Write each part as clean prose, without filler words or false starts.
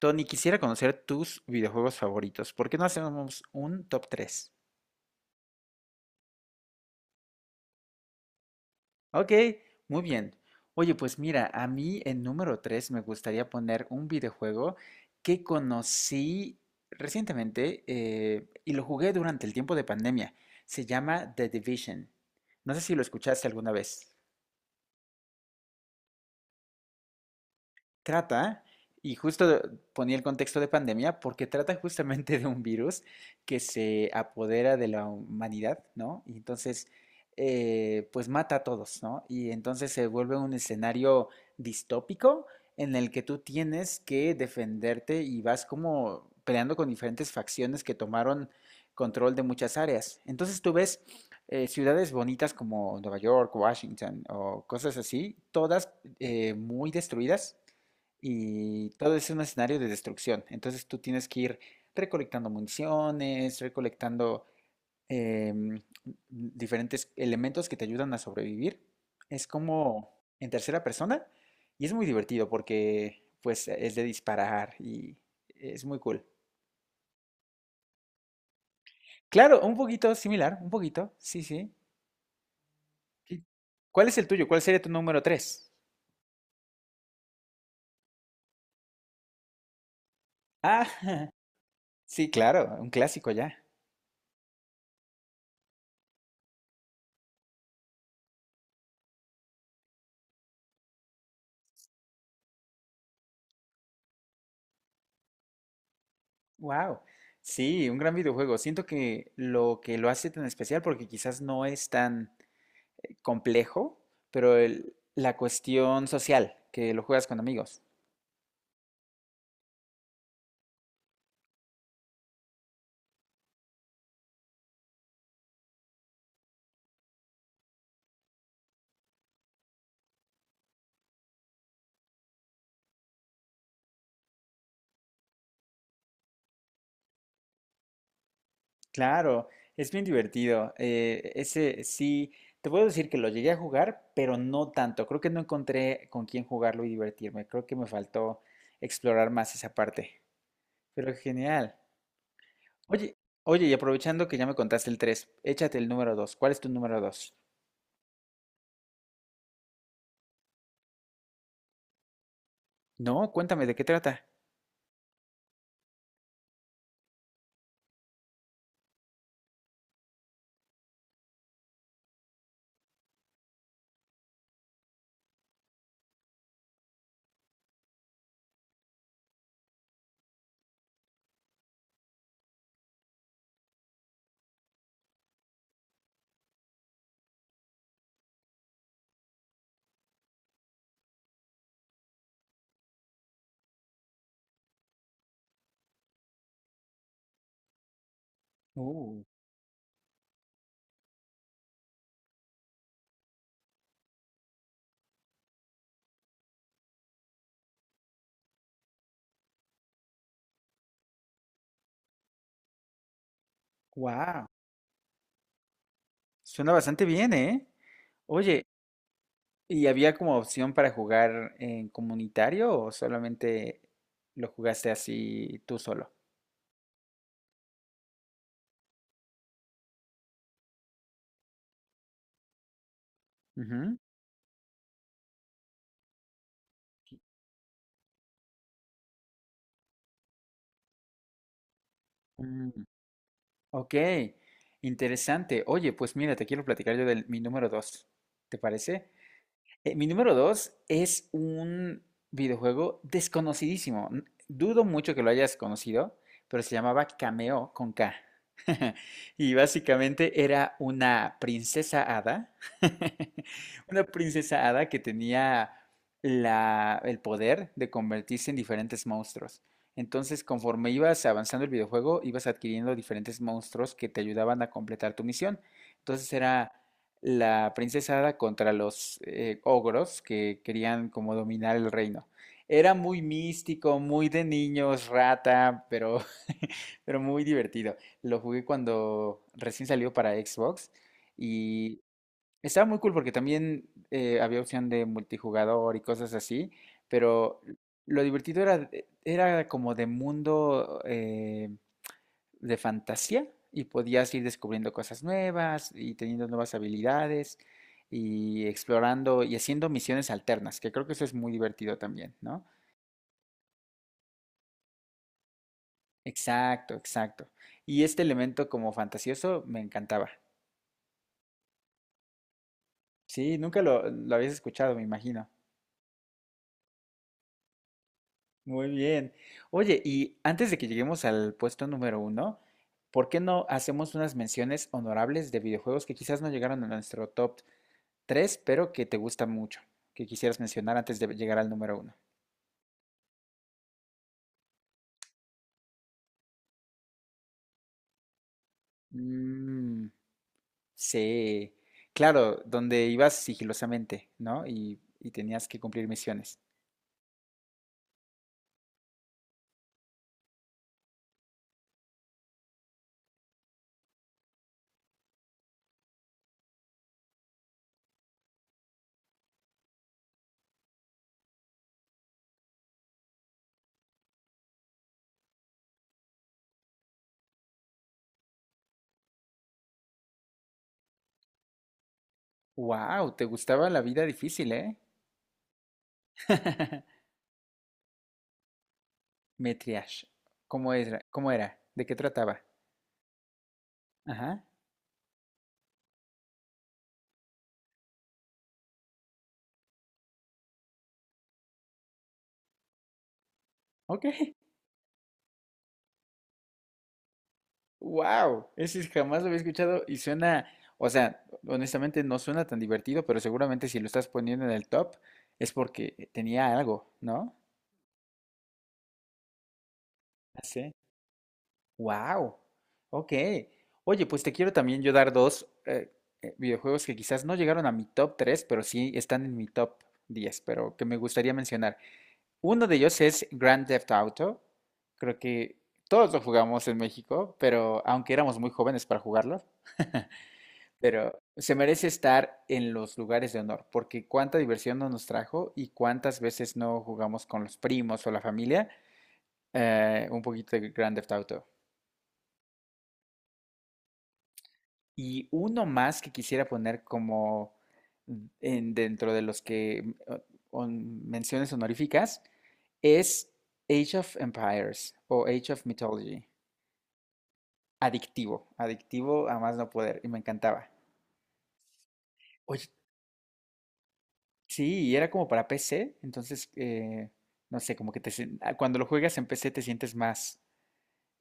Tony, quisiera conocer tus videojuegos favoritos. ¿Por qué no hacemos un top 3? Ok, muy bien. Oye, pues mira, a mí en número 3 me gustaría poner un videojuego que conocí recientemente y lo jugué durante el tiempo de pandemia. Se llama The Division. No sé si lo escuchaste alguna vez. Trata, y justo ponía el contexto de pandemia, porque trata justamente de un virus que se apodera de la humanidad, ¿no? Y entonces, pues mata a todos, ¿no? Y entonces se vuelve un escenario distópico en el que tú tienes que defenderte y vas como peleando con diferentes facciones que tomaron control de muchas áreas. Entonces tú ves ciudades bonitas como Nueva York, Washington o cosas así, todas muy destruidas y todo es un escenario de destrucción. Entonces tú tienes que ir recolectando municiones, recolectando em, diferentes elementos que te ayudan a sobrevivir. Es como en tercera persona y es muy divertido porque pues es de disparar y es muy cool. Claro, un poquito similar, un poquito, sí, sí. ¿Qué- ¿Cuál es el tuyo? ¿Cuál sería tu número tres? Ah, sí, claro, un clásico ya. Wow. Sí, un gran videojuego. Siento que lo hace tan especial, porque quizás no es tan complejo, pero la cuestión social, que lo juegas con amigos. Claro, es bien divertido. Ese sí, te puedo decir que lo llegué a jugar, pero no tanto. Creo que no encontré con quién jugarlo y divertirme. Creo que me faltó explorar más esa parte. Pero genial. Oye, oye, y aprovechando que ya me contaste el 3, échate el número 2. ¿Cuál es tu número 2? No, cuéntame, ¿de qué trata? Uh, wow. Suena bastante bien, ¿eh? Oye, ¿y había como opción para jugar en comunitario o solamente lo jugaste así tú solo? Ujú. Mm, ok, interesante. Oye, pues mira, te quiero platicar yo de mi número dos. ¿Te parece? Mi número dos es un videojuego desconocidísimo. Dudo mucho que lo hayas conocido, pero se llamaba Cameo con K. Y básicamente era una princesa hada, una princesa hada que tenía el poder de convertirse en diferentes monstruos. Entonces, conforme ibas avanzando el videojuego, ibas adquiriendo diferentes monstruos que te ayudaban a completar tu misión. Entonces era la princesa Hada contra los ogros que querían como dominar el reino. Era muy místico, muy de niños, rata, pero, pero muy divertido. Lo jugué cuando recién salió para Xbox y estaba muy cool porque también había opción de multijugador y cosas así, pero lo divertido era era como de mundo... de fantasía y podías ir descubriendo cosas nuevas y teniendo nuevas habilidades y explorando y haciendo misiones alternas, que creo que eso es muy divertido también, ¿no? Exacto, exacto. Y este elemento como fantasioso me encantaba. Sí, nunca lo habías escuchado, me imagino. Muy bien. Oye, y antes de que lleguemos al puesto número uno, ¿por qué no hacemos unas menciones honorables de videojuegos que quizás no llegaron a nuestro top tres, pero que te gusta mucho, que quisieras mencionar antes de llegar al número uno. Mm, sí, claro, donde ibas sigilosamente, ¿no? Y tenías que cumplir misiones. Wow, te gustaba la vida difícil, ¿eh? Metriash, ¿cómo era? ¿Cómo era? ¿De qué trataba? Ajá, ok. Wow, ese jamás lo había escuchado y suena, o sea, honestamente no suena tan divertido, pero seguramente si lo estás poniendo en el top es porque tenía algo, ¿no? Wow, ok. Oye, pues te quiero también yo dar dos videojuegos que quizás no llegaron a mi top 3, pero sí están en mi top 10, pero que me gustaría mencionar. Uno de ellos es Grand Theft Auto. Creo que todos lo jugamos en México, pero aunque éramos muy jóvenes para jugarlo, pero se merece estar en los lugares de honor, porque cuánta diversión no nos trajo y cuántas veces no jugamos con los primos o la familia un poquito de Grand Theft Auto. Y uno más que quisiera poner como dentro de los que menciones honoríficas es Age of Empires o Age of Mythology. Adictivo, adictivo a más no poder y me encantaba. Oye, sí, y era como para PC, entonces no sé, como que cuando lo juegas en PC te sientes más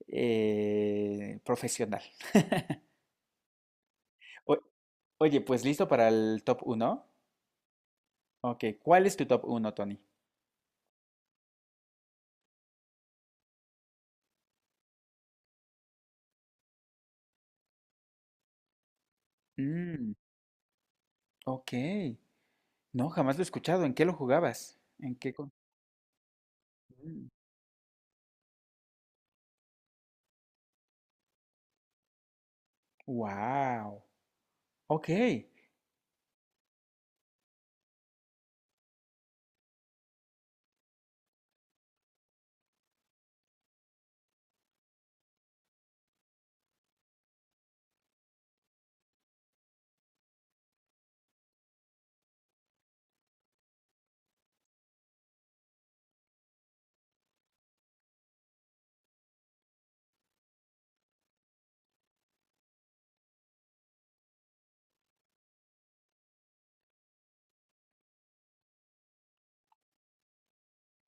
eh, profesional. O- Oye, pues listo para el top uno. Ok, ¿cuál es tu top uno, Tony? Ok. No, jamás lo he escuchado. ¿En qué lo jugabas? ¿En qué con... Wow. Ok.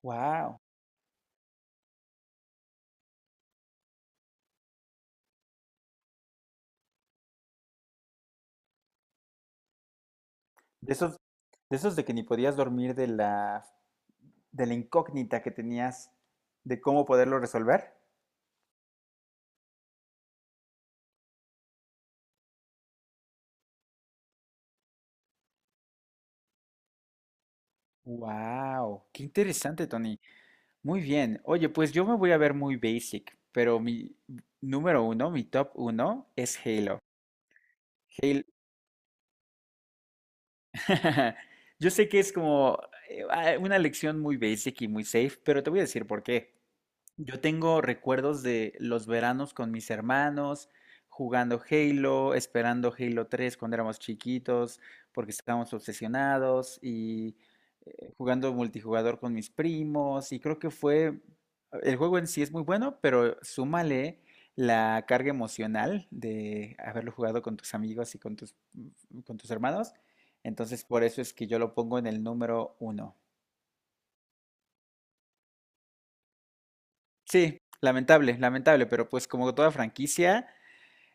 Wow. De esos, de esos de que ni podías dormir de la incógnita que tenías de cómo poderlo resolver. Wow, qué interesante, Tony. Muy bien. Oye, pues yo me voy a ver muy basic, pero mi número uno, mi top uno es Halo. Halo. Yo sé que es como una lección muy basic y muy safe, pero te voy a decir por qué. Yo tengo recuerdos de los veranos con mis hermanos, jugando Halo, esperando Halo 3 cuando éramos chiquitos, porque estábamos obsesionados, y jugando multijugador con mis primos, y creo que fue, el juego en sí es muy bueno, pero súmale la carga emocional de haberlo jugado con tus amigos y con tus, mm, con tus hermanos, entonces por eso es que yo lo pongo en el número uno. Sí, lamentable, lamentable, pero pues como toda franquicia...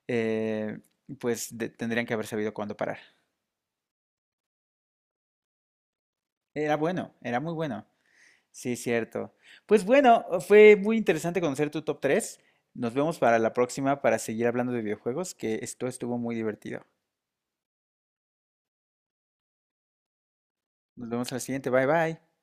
eh, tendrían que haber sabido cuándo parar. Era bueno, era muy bueno. Sí, cierto. Pues bueno, fue muy interesante conocer tu top tres. Nos vemos para la próxima para seguir hablando de videojuegos, que esto estuvo muy divertido. Nos vemos a la siguiente. Bye bye.